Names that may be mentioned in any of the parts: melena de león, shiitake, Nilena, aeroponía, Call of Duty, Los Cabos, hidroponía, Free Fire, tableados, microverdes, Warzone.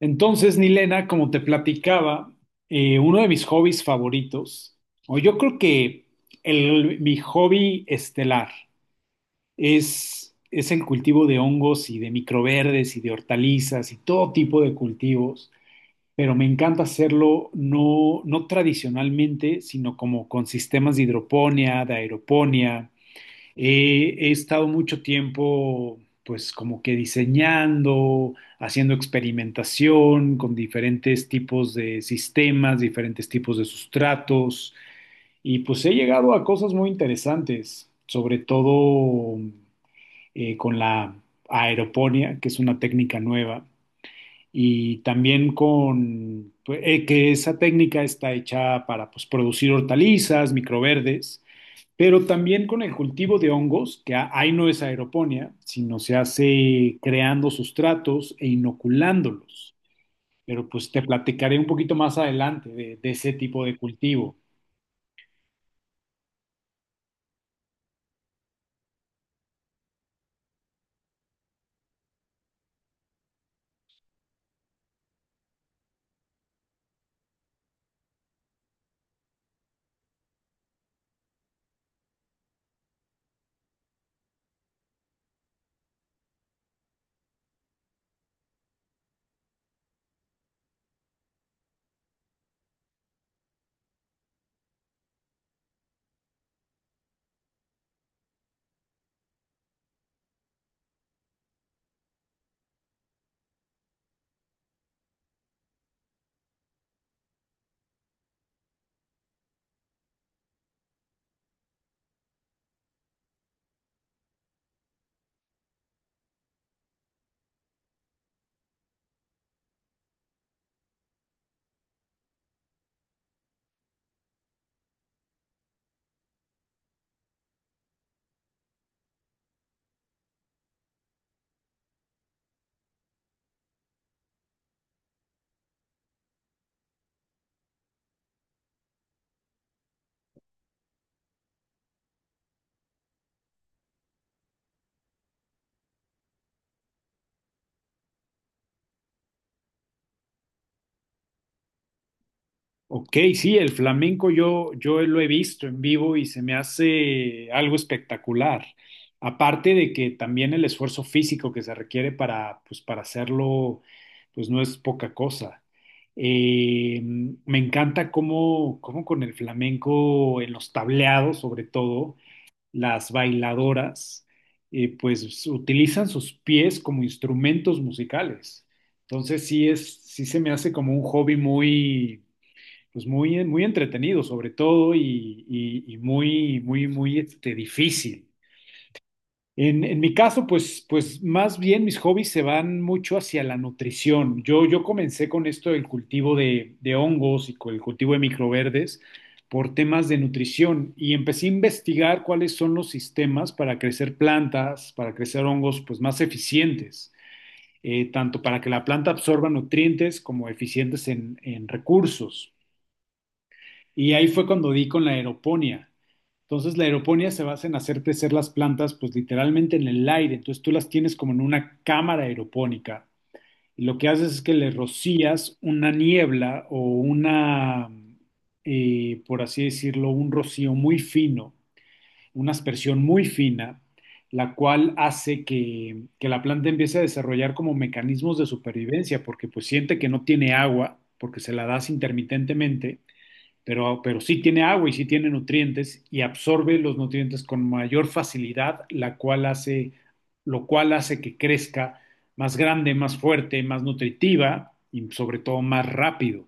Entonces, Nilena, como te platicaba, uno de mis hobbies favoritos, o yo creo que mi hobby estelar es el cultivo de hongos y de microverdes y de hortalizas y todo tipo de cultivos, pero me encanta hacerlo no tradicionalmente, sino como con sistemas de hidroponía, de aeroponía. He estado mucho tiempo, pues como que diseñando, haciendo experimentación con diferentes tipos de sistemas, diferentes tipos de sustratos, y pues he llegado a cosas muy interesantes, sobre todo con la aeroponía, que es una técnica nueva, y también con pues, que esa técnica está hecha para pues, producir hortalizas, microverdes. Pero también con el cultivo de hongos, que ahí no es aeroponía, sino se hace creando sustratos e inoculándolos. Pero pues te platicaré un poquito más adelante de ese tipo de cultivo. Ok, sí, el flamenco yo lo he visto en vivo y se me hace algo espectacular. Aparte de que también el esfuerzo físico que se requiere para, pues, para hacerlo, pues no es poca cosa. Eh, Me encanta cómo con el flamenco en los tableados, sobre todo, las bailadoras, pues utilizan sus pies como instrumentos musicales. Entonces sí se me hace como un hobby muy pues muy, muy entretenido sobre todo y muy, muy, muy este, difícil. En mi caso, pues, pues más bien mis hobbies se van mucho hacia la nutrición. Yo comencé con esto del cultivo de hongos y con el cultivo de microverdes por temas de nutrición y empecé a investigar cuáles son los sistemas para crecer plantas, para crecer hongos, pues más eficientes, tanto para que la planta absorba nutrientes como eficientes en recursos. Y ahí fue cuando di con la aeroponía. Entonces la aeroponía se basa en hacer crecer las plantas pues literalmente en el aire. Entonces tú las tienes como en una cámara aeropónica y lo que haces es que le rocías una niebla o una, por así decirlo, un rocío muy fino, una aspersión muy fina, la cual hace que la planta empiece a desarrollar como mecanismos de supervivencia porque pues siente que no tiene agua porque se la das intermitentemente pero sí tiene agua y sí tiene nutrientes y absorbe los nutrientes con mayor facilidad, lo cual hace que crezca más grande, más fuerte, más nutritiva y sobre todo más rápido.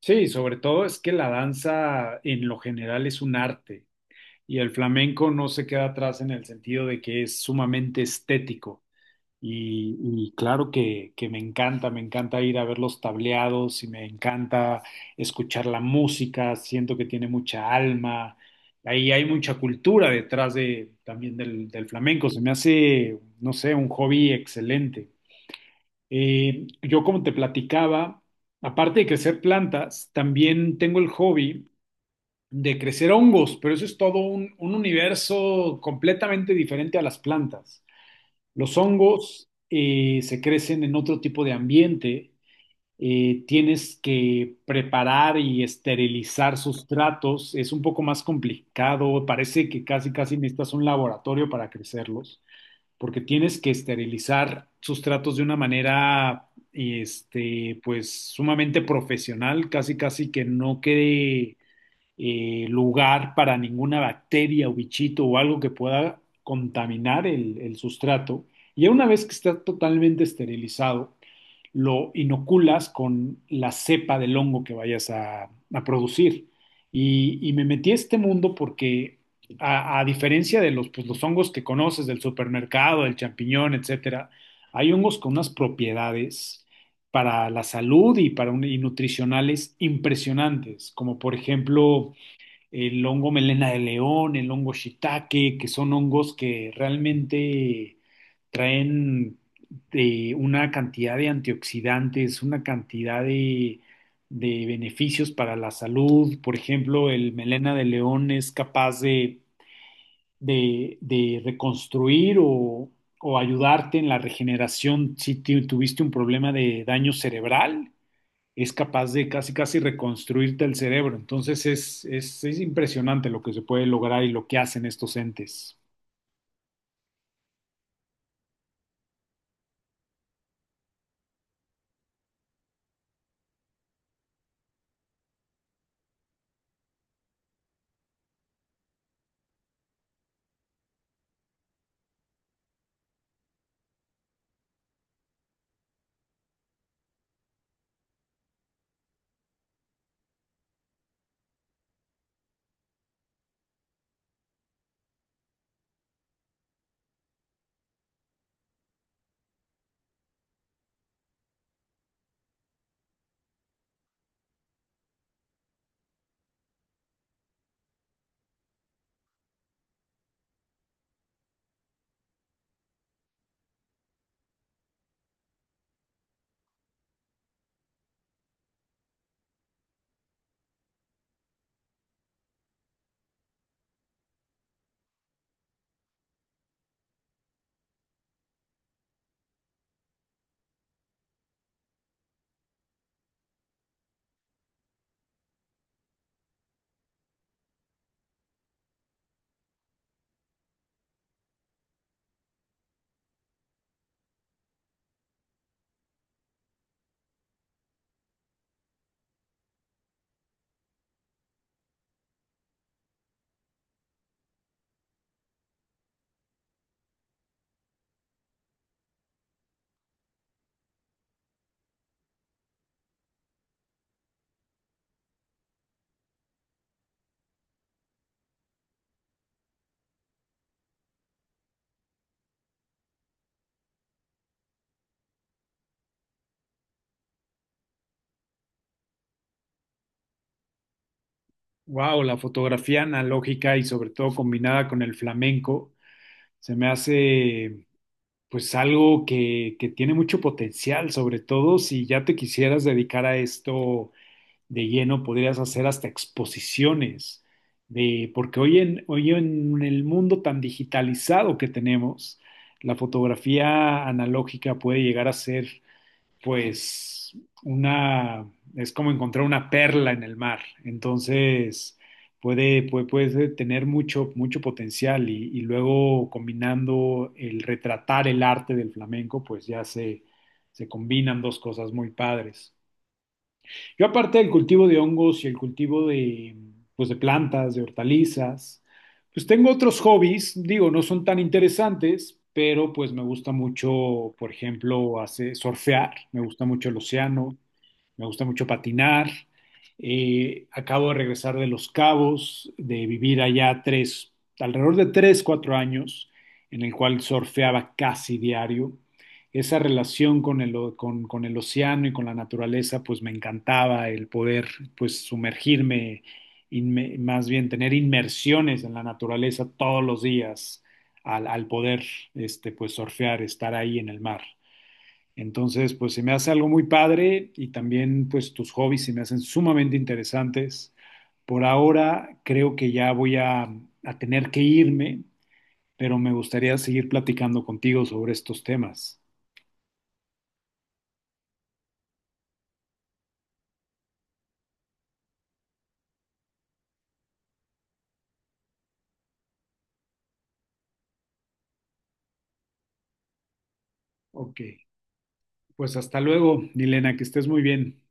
Sí, sobre todo es que la danza en lo general es un arte y el flamenco no se queda atrás en el sentido de que es sumamente estético. Y claro que me encanta ir a ver los tableados y me encanta escuchar la música. Siento que tiene mucha alma, ahí hay mucha cultura detrás de, también del flamenco. Se me hace, no sé, un hobby excelente. Yo como te platicaba, aparte de crecer plantas, también tengo el hobby de crecer hongos, pero eso es todo un universo completamente diferente a las plantas. Los hongos se crecen en otro tipo de ambiente. Tienes que preparar y esterilizar sustratos. Es un poco más complicado. Parece que casi casi necesitas un laboratorio para crecerlos, porque tienes que esterilizar sustratos de una manera, este, pues sumamente profesional, casi casi que no quede lugar para ninguna bacteria o bichito o algo que pueda contaminar el sustrato. Y ya una vez que está totalmente esterilizado, lo inoculas con la cepa del hongo que vayas a producir. Y me metí a este mundo porque, a diferencia de los, pues, los hongos que conoces del supermercado, del champiñón, etcétera, hay hongos con unas propiedades para la salud y para nutricionales impresionantes, como por ejemplo el hongo melena de león, el hongo shiitake, que son hongos que realmente traen una cantidad de antioxidantes, una cantidad de beneficios para la salud. Por ejemplo, el melena de león es capaz de, reconstruir o ayudarte en la regeneración si tuviste un problema de daño cerebral, es capaz de casi casi reconstruirte el cerebro. Entonces es impresionante lo que se puede lograr y lo que hacen estos entes. Wow, la fotografía analógica y sobre todo combinada con el flamenco se me hace pues algo que tiene mucho potencial, sobre todo si ya te quisieras dedicar a esto de lleno. Podrías hacer hasta exposiciones, de, porque hoy en el mundo tan digitalizado que tenemos, la fotografía analógica puede llegar a ser, pues, una, es como encontrar una perla en el mar. Entonces, puede tener mucho, mucho potencial y luego combinando el retratar el arte del flamenco, pues ya se combinan dos cosas muy padres. Yo aparte del cultivo de hongos y el cultivo de, pues, de plantas, de hortalizas, pues tengo otros hobbies, digo, no son tan interesantes, pero pues me gusta mucho, por ejemplo, hacer, surfear. Me gusta mucho el océano, me gusta mucho patinar. Acabo de regresar de Los Cabos, de vivir allá 3, alrededor de 3, 4 años, en el cual surfeaba casi diario. Esa relación con el océano y con la naturaleza, pues me encantaba el poder, pues sumergirme, más bien tener inmersiones en la naturaleza todos los días al, al poder, este, pues surfear, estar ahí en el mar. Entonces, pues se me hace algo muy padre y también, pues tus hobbies se me hacen sumamente interesantes. Por ahora creo que ya voy a tener que irme, pero me gustaría seguir platicando contigo sobre estos temas. Ok. Pues hasta luego, Milena, que estés muy bien.